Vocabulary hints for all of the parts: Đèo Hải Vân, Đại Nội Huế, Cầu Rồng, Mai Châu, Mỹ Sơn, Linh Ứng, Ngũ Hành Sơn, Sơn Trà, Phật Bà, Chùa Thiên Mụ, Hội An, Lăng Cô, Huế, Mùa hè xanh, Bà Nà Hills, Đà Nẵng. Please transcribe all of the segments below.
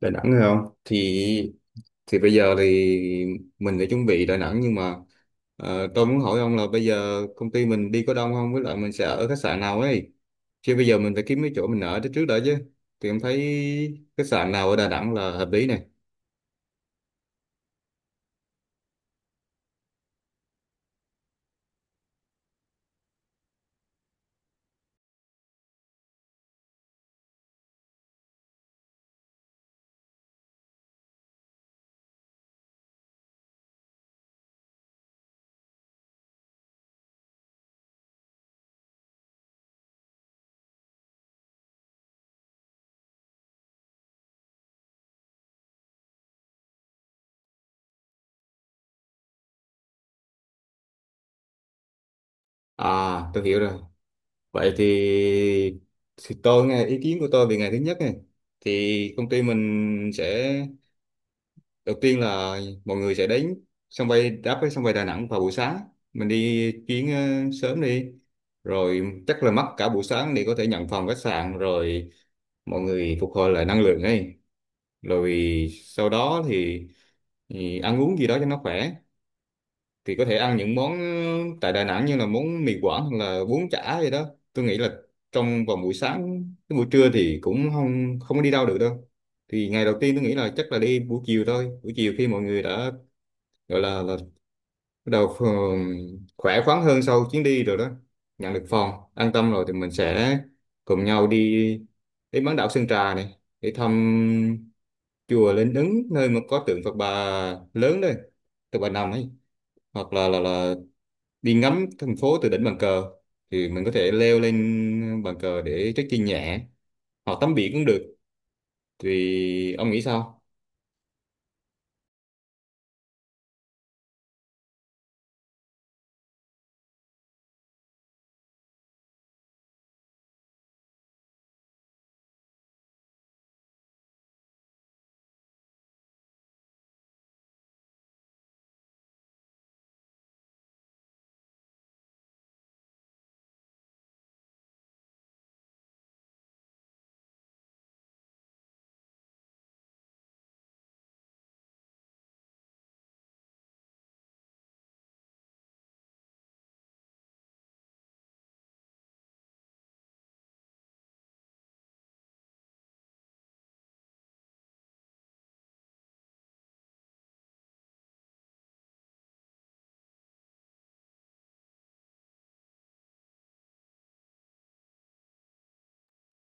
Đà Nẵng hay không thì bây giờ thì mình đã chuẩn bị Đà Nẵng nhưng mà tôi muốn hỏi ông là bây giờ công ty mình đi có đông không, với lại mình sẽ ở khách sạn nào ấy chứ. Bây giờ mình phải kiếm cái chỗ mình ở tới trước đã chứ, thì em thấy khách sạn nào ở Đà Nẵng là hợp lý này. À, tôi hiểu rồi. Vậy thì tôi nghe ý kiến của tôi về ngày thứ nhất này. Thì công ty mình sẽ, đầu tiên là mọi người sẽ đến sân bay, đáp với sân bay Đà Nẵng vào buổi sáng, mình đi chuyến sớm đi, rồi chắc là mất cả buổi sáng để có thể nhận phòng khách sạn, rồi mọi người phục hồi lại năng lượng ấy. Rồi sau đó thì ăn uống gì đó cho nó khỏe, thì có thể ăn những món tại Đà Nẵng như là món mì Quảng hoặc là bún chả gì đó. Tôi nghĩ là trong vào buổi sáng, cái buổi trưa thì cũng không không có đi đâu được đâu, thì ngày đầu tiên tôi nghĩ là chắc là đi buổi chiều thôi. Buổi chiều khi mọi người đã gọi là bắt đầu khỏe khoắn hơn sau chuyến đi rồi đó, nhận được phòng an tâm rồi, thì mình sẽ cùng nhau đi đến bán đảo Sơn Trà này để thăm chùa Linh Ứng, nơi mà có tượng Phật Bà lớn đây, Phật Bà nằm ấy, hoặc là đi ngắm thành phố từ đỉnh bàn cờ. Thì mình có thể leo lên bàn cờ để trekking nhẹ hoặc tắm biển cũng được. Thì ông nghĩ sao?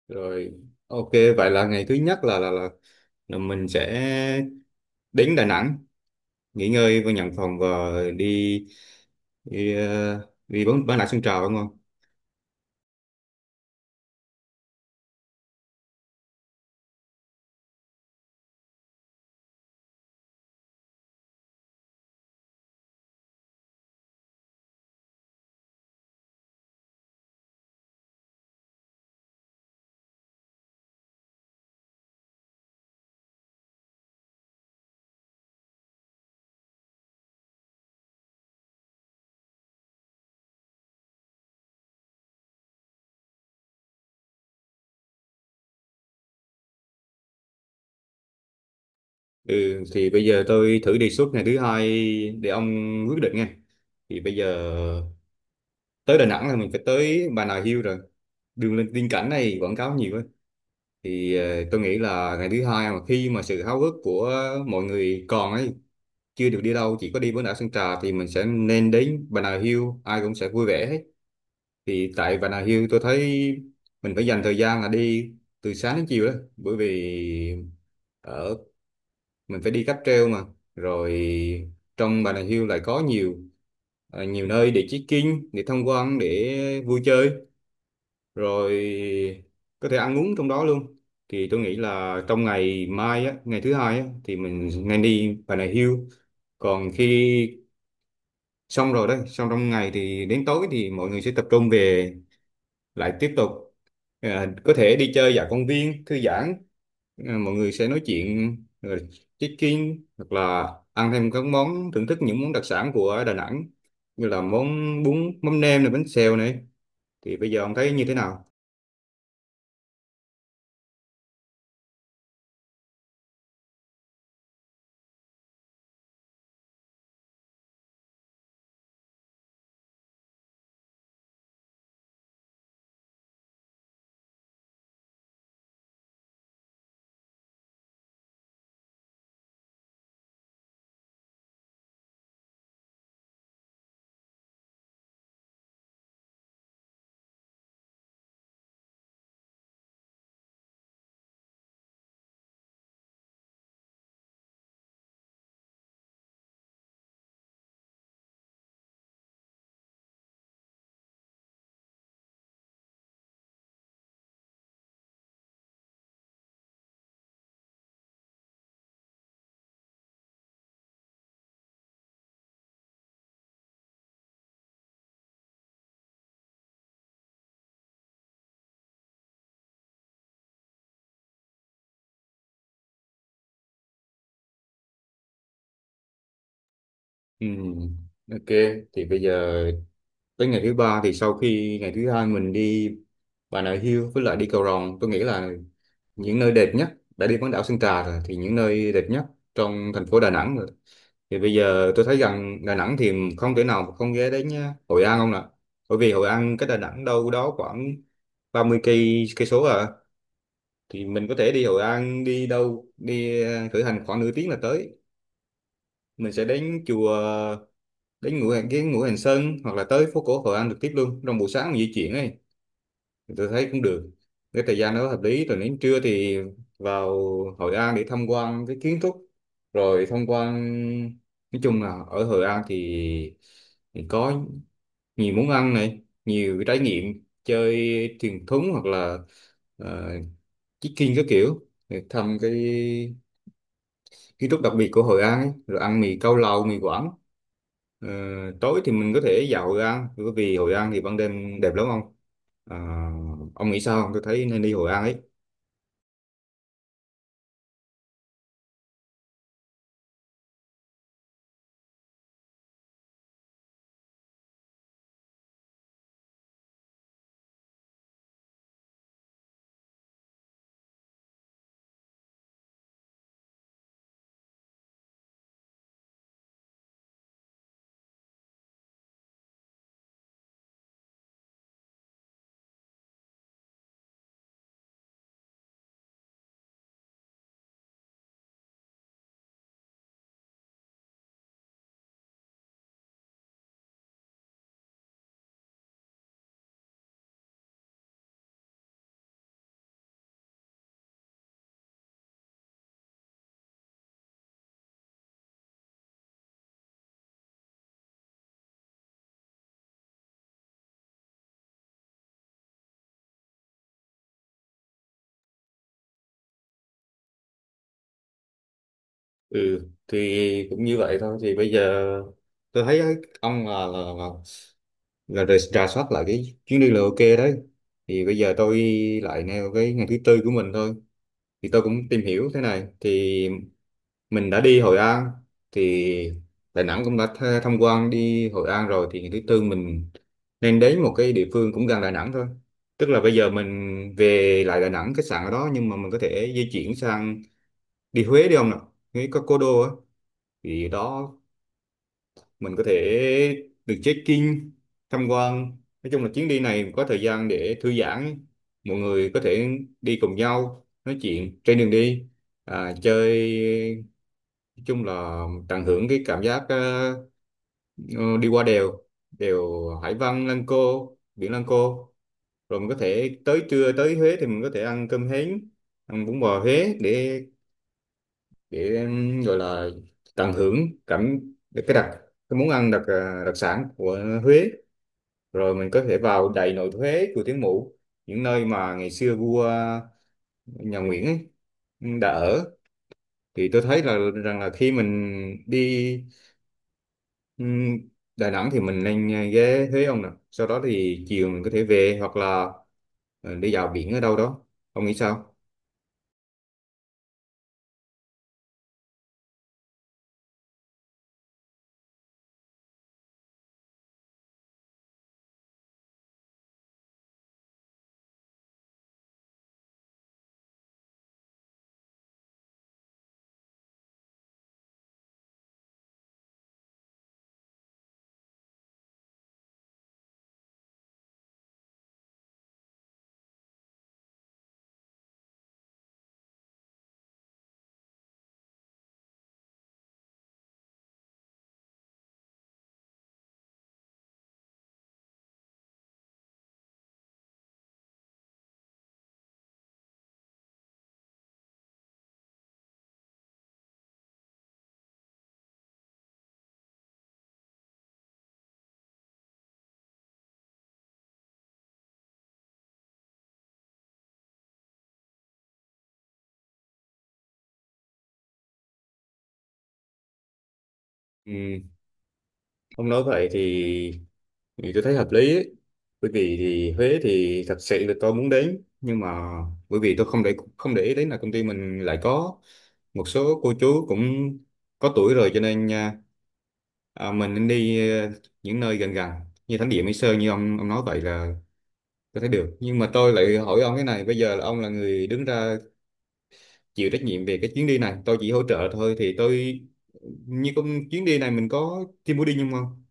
Rồi, ok. Vậy là ngày thứ nhất là mình sẽ đến Đà Nẵng, nghỉ ngơi và nhận phòng, và đi đi, ờ, đi bán lại sân trào, đúng không? Ừ, thì bây giờ tôi thử đề xuất ngày thứ hai để ông quyết định nghe. Thì bây giờ, tới Đà Nẵng là mình phải tới Bà Nà Hills rồi. Đường lên tiên cảnh này quảng cáo nhiều ấy. Thì tôi nghĩ là ngày thứ hai, mà khi mà sự háo hức của mọi người còn ấy, chưa được đi đâu chỉ có đi bán đảo Sơn Trà, thì mình sẽ nên đến Bà Nà Hills, ai cũng sẽ vui vẻ hết. Thì tại Bà Nà Hills tôi thấy mình phải dành thời gian là đi từ sáng đến chiều đó, bởi vì ở mình phải đi cáp treo mà. Rồi trong Bà Nà Hills lại có nhiều, nhiều nơi để check-in, để tham quan, để vui chơi, rồi có thể ăn uống trong đó luôn. Thì tôi nghĩ là trong ngày mai á, ngày thứ hai á, thì mình nên đi Bà Nà Hills. Còn khi xong rồi đấy, xong trong ngày thì đến tối thì mọi người sẽ tập trung về, lại tiếp tục, à, có thể đi chơi dạo công viên thư giãn, à, mọi người sẽ nói chuyện, rồi check-in hoặc là ăn thêm các món, thưởng thức những món đặc sản của Đà Nẵng như là món bún mắm nem này, bánh xèo này. Thì bây giờ ông thấy như thế nào? Ừm, ok, thì bây giờ tới ngày thứ ba, thì sau khi ngày thứ hai mình đi Bà Nà Hills với lại đi Cầu Rồng, tôi nghĩ là những nơi đẹp nhất, đã đi bán đảo Sơn Trà rồi, thì những nơi đẹp nhất trong thành phố Đà Nẵng rồi. Thì bây giờ tôi thấy rằng Đà Nẵng thì không thể nào mà không ghé đến nhá. Hội An không nè. Bởi vì Hội An cách Đà Nẵng đâu đó khoảng 30 cây cây số à, thì mình có thể đi Hội An, đi đâu đi khởi hành khoảng nửa tiếng là tới. Mình sẽ đến chùa, đến Ngũ Hành, cái Ngũ Hành Sơn, hoặc là tới phố cổ Hội An trực tiếp luôn trong buổi sáng mình di chuyển ấy. Tôi thấy cũng được, cái thời gian đó hợp lý. Rồi đến trưa thì vào Hội An để tham quan cái kiến trúc, rồi tham quan. Nói chung là ở Hội An thì có nhiều món ăn này, nhiều cái trải nghiệm chơi thuyền thúng, hoặc là uh, trekking các kiểu để thăm cái kiến trúc đặc biệt của Hội An ấy, rồi ăn mì cao lầu, mì Quảng. Ờ, Tối thì mình có thể dạo Hội An, bởi vì Hội An thì ban đêm đẹp lắm ông. À, ông nghĩ sao không? Tôi thấy nên đi Hội An ấy. Ừ, thì cũng như vậy thôi. Thì bây giờ tôi thấy ấy, ông là rà rà soát lại cái chuyến đi là ok đấy. Thì bây giờ tôi lại nêu cái ngày thứ tư của mình thôi. Thì tôi cũng tìm hiểu thế này. Thì mình đã đi Hội An thì Đà Nẵng cũng đã tham quan, đi Hội An rồi, thì ngày thứ tư mình nên đến một cái địa phương cũng gần Đà Nẵng thôi, tức là bây giờ mình về lại Đà Nẵng, khách sạn ở đó, nhưng mà mình có thể di chuyển sang, đi Huế đi không nào. Huế có Cố đô á, thì đó mình có thể được check-in, tham quan. Nói chung là chuyến đi này có thời gian để thư giãn, mọi người có thể đi cùng nhau nói chuyện trên đường đi, à, chơi. Nói chung là tận hưởng cái cảm giác ờ, đi qua đèo, đèo Hải Vân, Lăng Cô, biển Lăng Cô, rồi mình có thể tới trưa tới Huế thì mình có thể ăn cơm hến, ăn bún bò Huế để gọi là tận hưởng cảm cái đặc cái món ăn đặc đặc sản của Huế. Rồi mình có thể vào Đại Nội Huế, Chùa Thiên Mụ, những nơi mà ngày xưa vua nhà Nguyễn ấy, đã ở. Thì tôi thấy là rằng là khi mình đi, Ừm, Đà Nẵng thì mình nên ghé Huế ông nè, sau đó thì chiều mình có thể về hoặc là đi dạo biển ở đâu đó. Ông nghĩ sao? Ừm, ông nói vậy thì tôi thấy hợp lý ấy. Bởi vì thì Huế thì thật sự là tôi muốn đến, nhưng mà bởi vì tôi không không để ý đến là công ty mình lại có một số cô chú cũng có tuổi rồi, cho nên mình nên đi những nơi gần gần như thánh địa Mỹ Sơn, như ông nói vậy là tôi thấy được. Nhưng mà tôi lại hỏi ông cái này, bây giờ là ông là người đứng ra chịu trách nhiệm về cái chuyến đi này, tôi chỉ hỗ trợ thôi, thì tôi như con chuyến đi này mình có team building không không?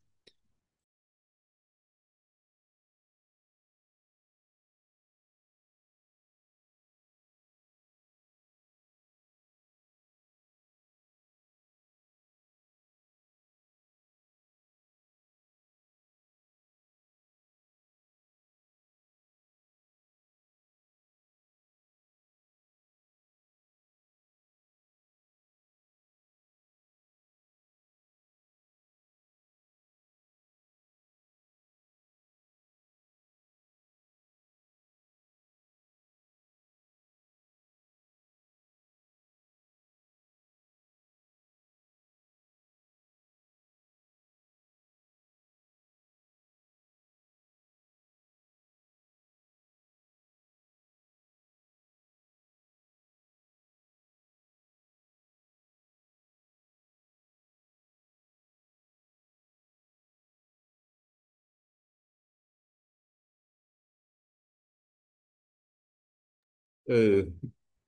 Ừ,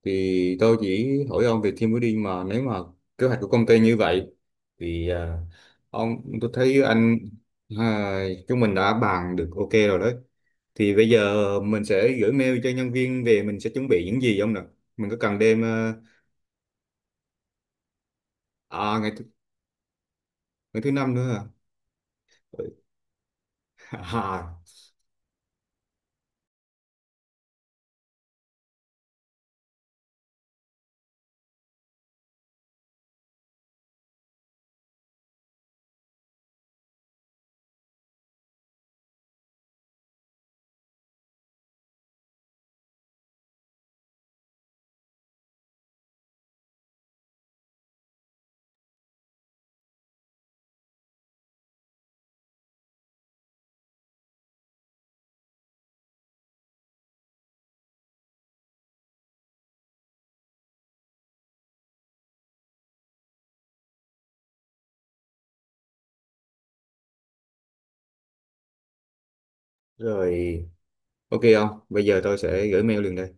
thì tôi chỉ hỏi ông về team building, mà nếu mà kế hoạch của công ty như vậy thì, à, ông tôi thấy anh, à, chúng mình đã bàn được ok rồi đấy. Thì bây giờ mình sẽ gửi mail cho nhân viên về mình sẽ chuẩn bị những gì ông nè. Mình có cần đem à, ngày thứ năm nữa à? À, rồi, ok không, bây giờ tôi sẽ gửi mail liền đây.